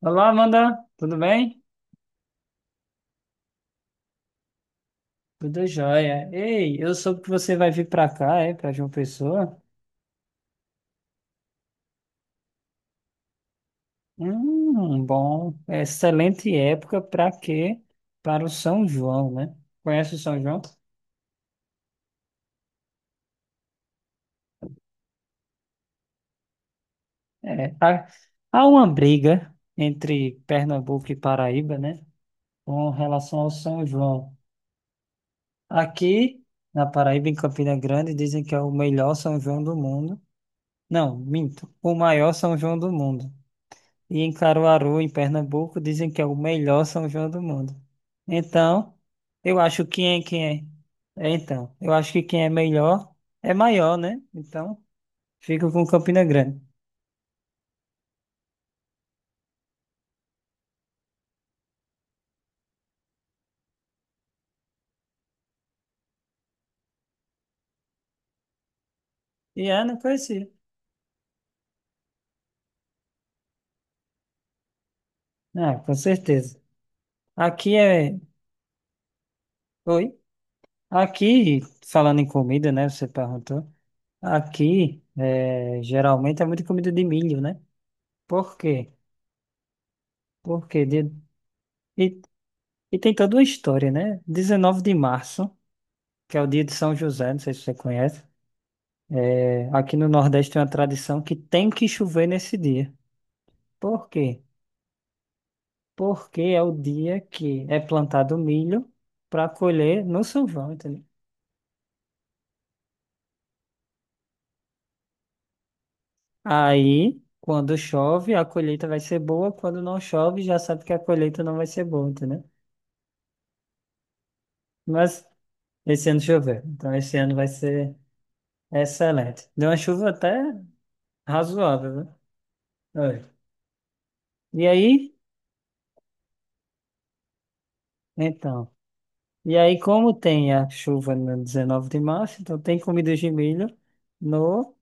Olá, Amanda, tudo bem? Tudo jóia. Ei, eu soube que você vai vir para cá, para João Pessoa. Bom, excelente época para quê? Para o São João, né? Conhece o São João? É, há, há uma briga entre Pernambuco e Paraíba, né? Com relação ao São João. Aqui na Paraíba, em Campina Grande, dizem que é o melhor São João do mundo. Não, minto, o maior São João do mundo. E em Caruaru, em Pernambuco, dizem que é o melhor São João do mundo. Então, eu acho que quem é quem é. É, Então, eu acho que quem é melhor é maior, né? Então, fico com Campina Grande. E é, não conhecia. Ah, com certeza. Aqui é. Oi? Aqui, falando em comida, né? Você perguntou. Aqui, geralmente é muita comida de milho, né? Por quê? Porque e, e tem toda uma história, né? Dezenove de março, que é o dia de São José, não sei se você conhece. É, aqui no Nordeste tem uma tradição que tem que chover nesse dia. Por quê? Porque é o dia que é plantado milho para colher no São João, entendeu? Aí, quando chove, a colheita vai ser boa, quando não chove, já sabe que a colheita não vai ser boa, entendeu? Mas esse ano choveu, então esse ano vai ser excelente. Deu uma chuva até razoável, né? Olha. E aí, então. E aí, como tem a chuva no 19 de março, então tem comidas de milho no,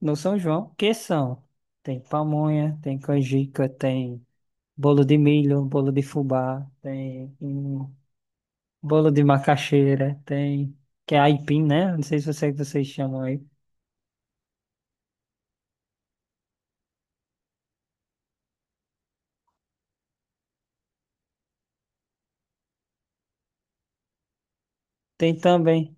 no São João, que são, tem pamonha, tem canjica, tem bolo de milho, bolo de fubá, tem bolo de macaxeira, tem, que é aipim, né? Não sei se você, vocês chamam aí. Tem também,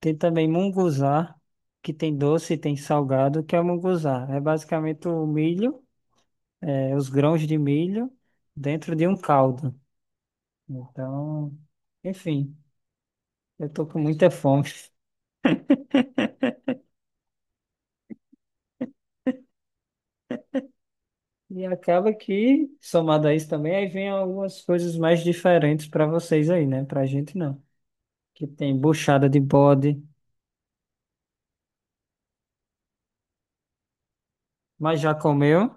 tem também munguzá, que tem doce, e tem salgado, que é o munguzá. É basicamente os grãos de milho dentro de um caldo. Então, enfim, eu tô com muita fome. E acaba que, somado a isso também, aí vem algumas coisas mais diferentes para vocês aí, né? Pra gente não. Que tem buchada de bode, mas já comeu?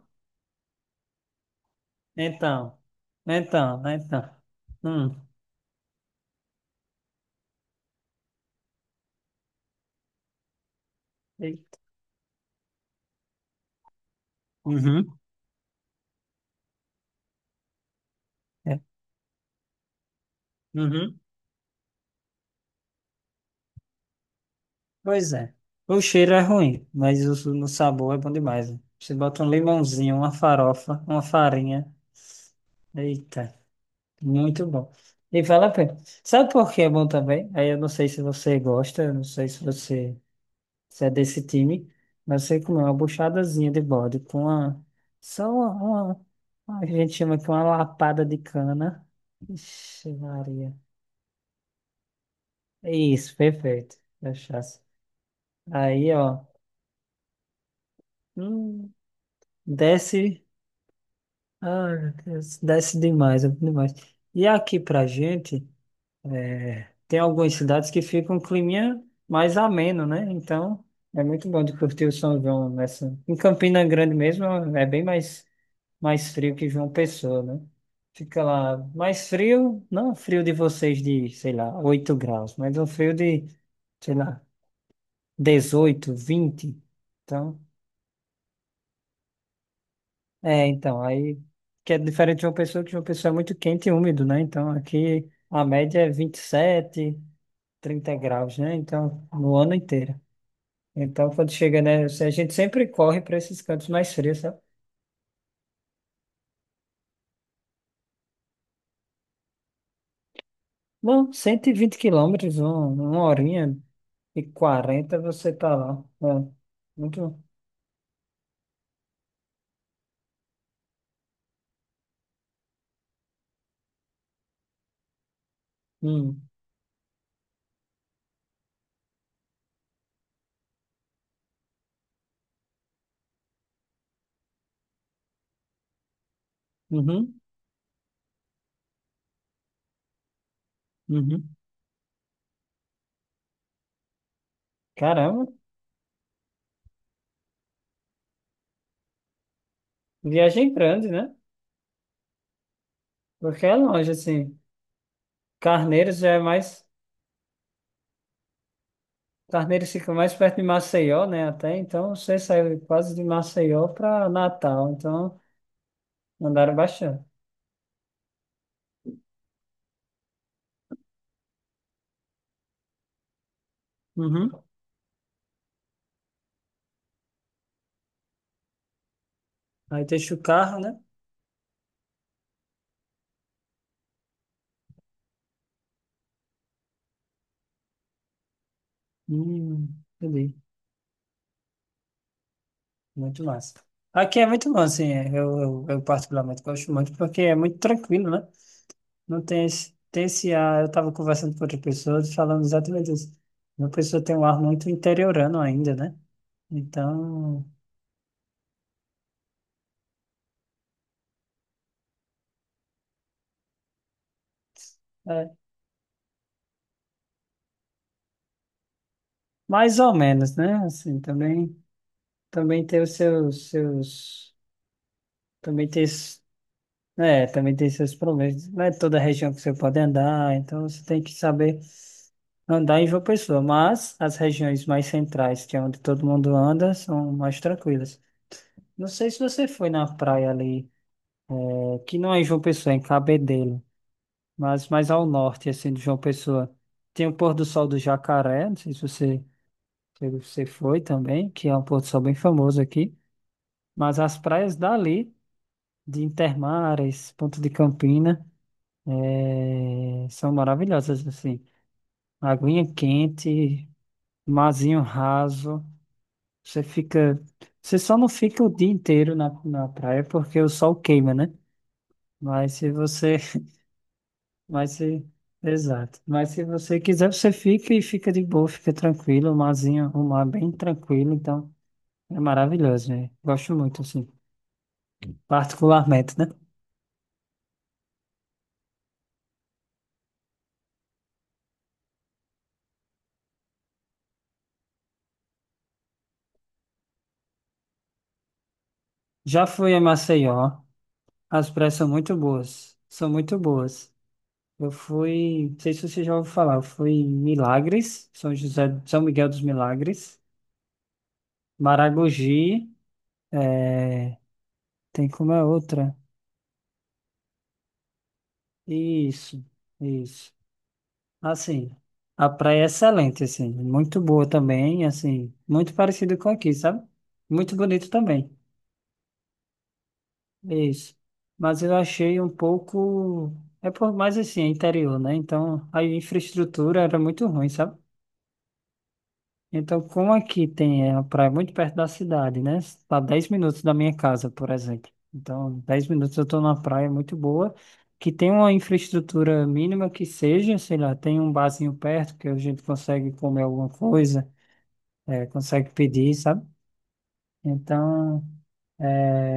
Então, então. Hum. Eita. Uhum. É. Uhum. Pois é. O cheiro é ruim, mas no sabor é bom demais, né? Você bota um limãozinho, uma farofa, uma farinha. Eita. Muito bom. E vale a pena. Sabe por que é bom também? Aí eu não sei se você gosta, eu não sei se você se é desse time, mas você comer uma buchadazinha de bode com só uma, uma, a gente chama aqui uma lapada de cana. Ixi, Maria. É isso, perfeito. Cachaça. Aí, ó, hum, desce, ah, meu Deus, desce demais, é bom demais. E aqui pra gente. É, tem algumas cidades que ficam um climinha mais ameno, né? Então é muito bom de curtir o São João nessa. Em Campina Grande mesmo é mais frio que João Pessoa, né? Fica lá mais frio, não frio de vocês de, sei lá, 8 graus, mas é um frio de, sei lá, 18, 20. Então, aí que é diferente de João Pessoa, que João Pessoa é muito quente e úmido, né? Então aqui a média é 27, 30 graus, né? Então, no ano inteiro. Então, quando chega, né? A gente sempre corre para esses cantos mais frios, sabe? Bom, 120 quilômetros, uma horinha e 40 você tá lá. É, muito. Hum, uhum, uhum. Caramba, viagem grande, né? Porque é longe, assim. Carneiros já é mais. Carneiros fica mais perto de Maceió, né? Até então, você saiu quase de Maceió para Natal. Então, andaram bastante. Uhum. Aí deixa o carro, né? Hum, entendi. Muito massa. Aqui é muito bom, assim, eu particularmente gosto muito, porque é muito tranquilo, né? Não tem esse, tem esse ar, eu estava conversando com outras pessoas, falando exatamente isso. Uma pessoa tem um ar muito interiorano ainda, né? Então, é, mais ou menos, né? Assim, também, também tem os seus, seus, também tem, s- é, também tem seus problemas. Não é toda região que você pode andar, então você tem que saber andar em João Pessoa, mas as regiões mais centrais, que é onde todo mundo anda, são mais tranquilas. Não sei se você foi na praia ali, que não é em João Pessoa, é em Cabedelo, mas mais ao norte, assim, de João Pessoa. Tem o pôr do sol do Jacaré, não sei se você foi também, que é um pôr do sol bem famoso aqui. Mas as praias dali, de Intermares, Ponta de Campina, são maravilhosas, assim. Aguinha quente, marzinho raso. Você fica. Você só não fica o dia inteiro na praia porque o sol queima, né? Mas se você. Mas se. Exato. Mas se você quiser, você fica e fica de boa, fica tranquilo. O mar é bem tranquilo. Então, é maravilhoso, né? Gosto muito, assim. Particularmente, né? Já fui a Maceió. As praias são muito boas. São muito boas. Eu fui. Não sei se você já ouviu falar. Eu fui em Milagres, São José, São Miguel dos Milagres, Maragogi. é, Tem como é outra. Isso, isso. Assim, a praia é excelente, assim, muito boa também, assim, muito parecido com aqui, sabe? Muito bonito também. Isso. Mas eu achei um pouco. É por mais assim, é interior, né? Então a infraestrutura era muito ruim, sabe? Então, como aqui tem a praia muito perto da cidade, né? Tá 10 minutos da minha casa, por exemplo. Então, 10 minutos eu tô numa praia muito boa, que tem uma infraestrutura mínima que seja, sei lá, tem um barzinho perto que a gente consegue comer alguma coisa, consegue pedir, sabe? Então, é,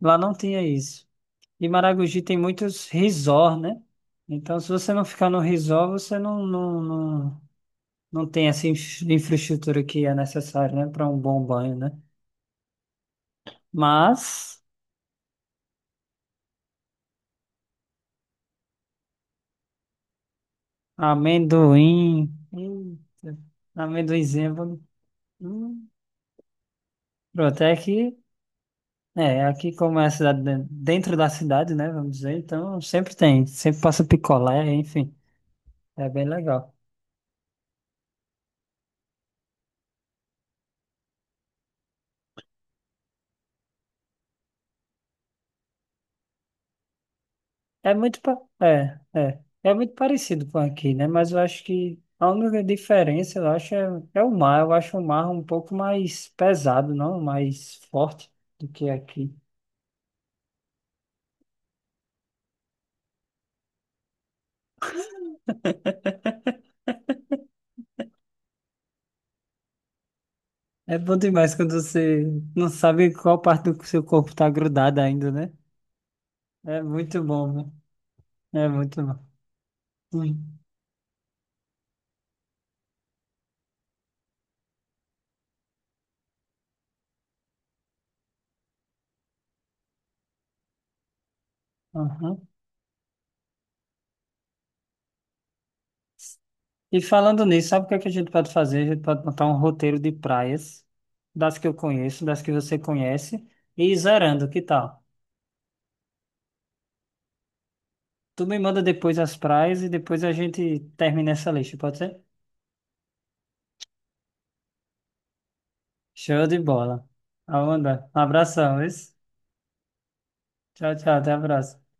Lá não tinha isso. E Maragogi tem muitos resort, né? Então, se você não ficar no resort, você não, não, não, não tem essa infraestrutura que é necessária, né, para um bom banho, né? Mas amendoim, eita, amendoinzinho, hum, pronto, é que é, aqui como é a cidade dentro da cidade, né, vamos dizer, então sempre tem, sempre passa picolé, enfim, é bem legal. É é muito parecido com aqui, né, mas eu acho que a única diferença, eu acho, é o mar, eu acho o mar um pouco mais pesado, não mais forte do que aqui. É bom demais quando você não sabe qual parte do seu corpo está grudada ainda, né? É muito bom, né? É muito bom. Hum, aham. E falando nisso, sabe o que é que a gente pode fazer? A gente pode montar um roteiro de praias, das que eu conheço, das que você conhece, e ir zerando, que tal? Tu me manda depois as praias e depois a gente termina essa lista, pode ser? Show de bola. Amanda, um abração, isso? Tchau, tchau, até a próxima.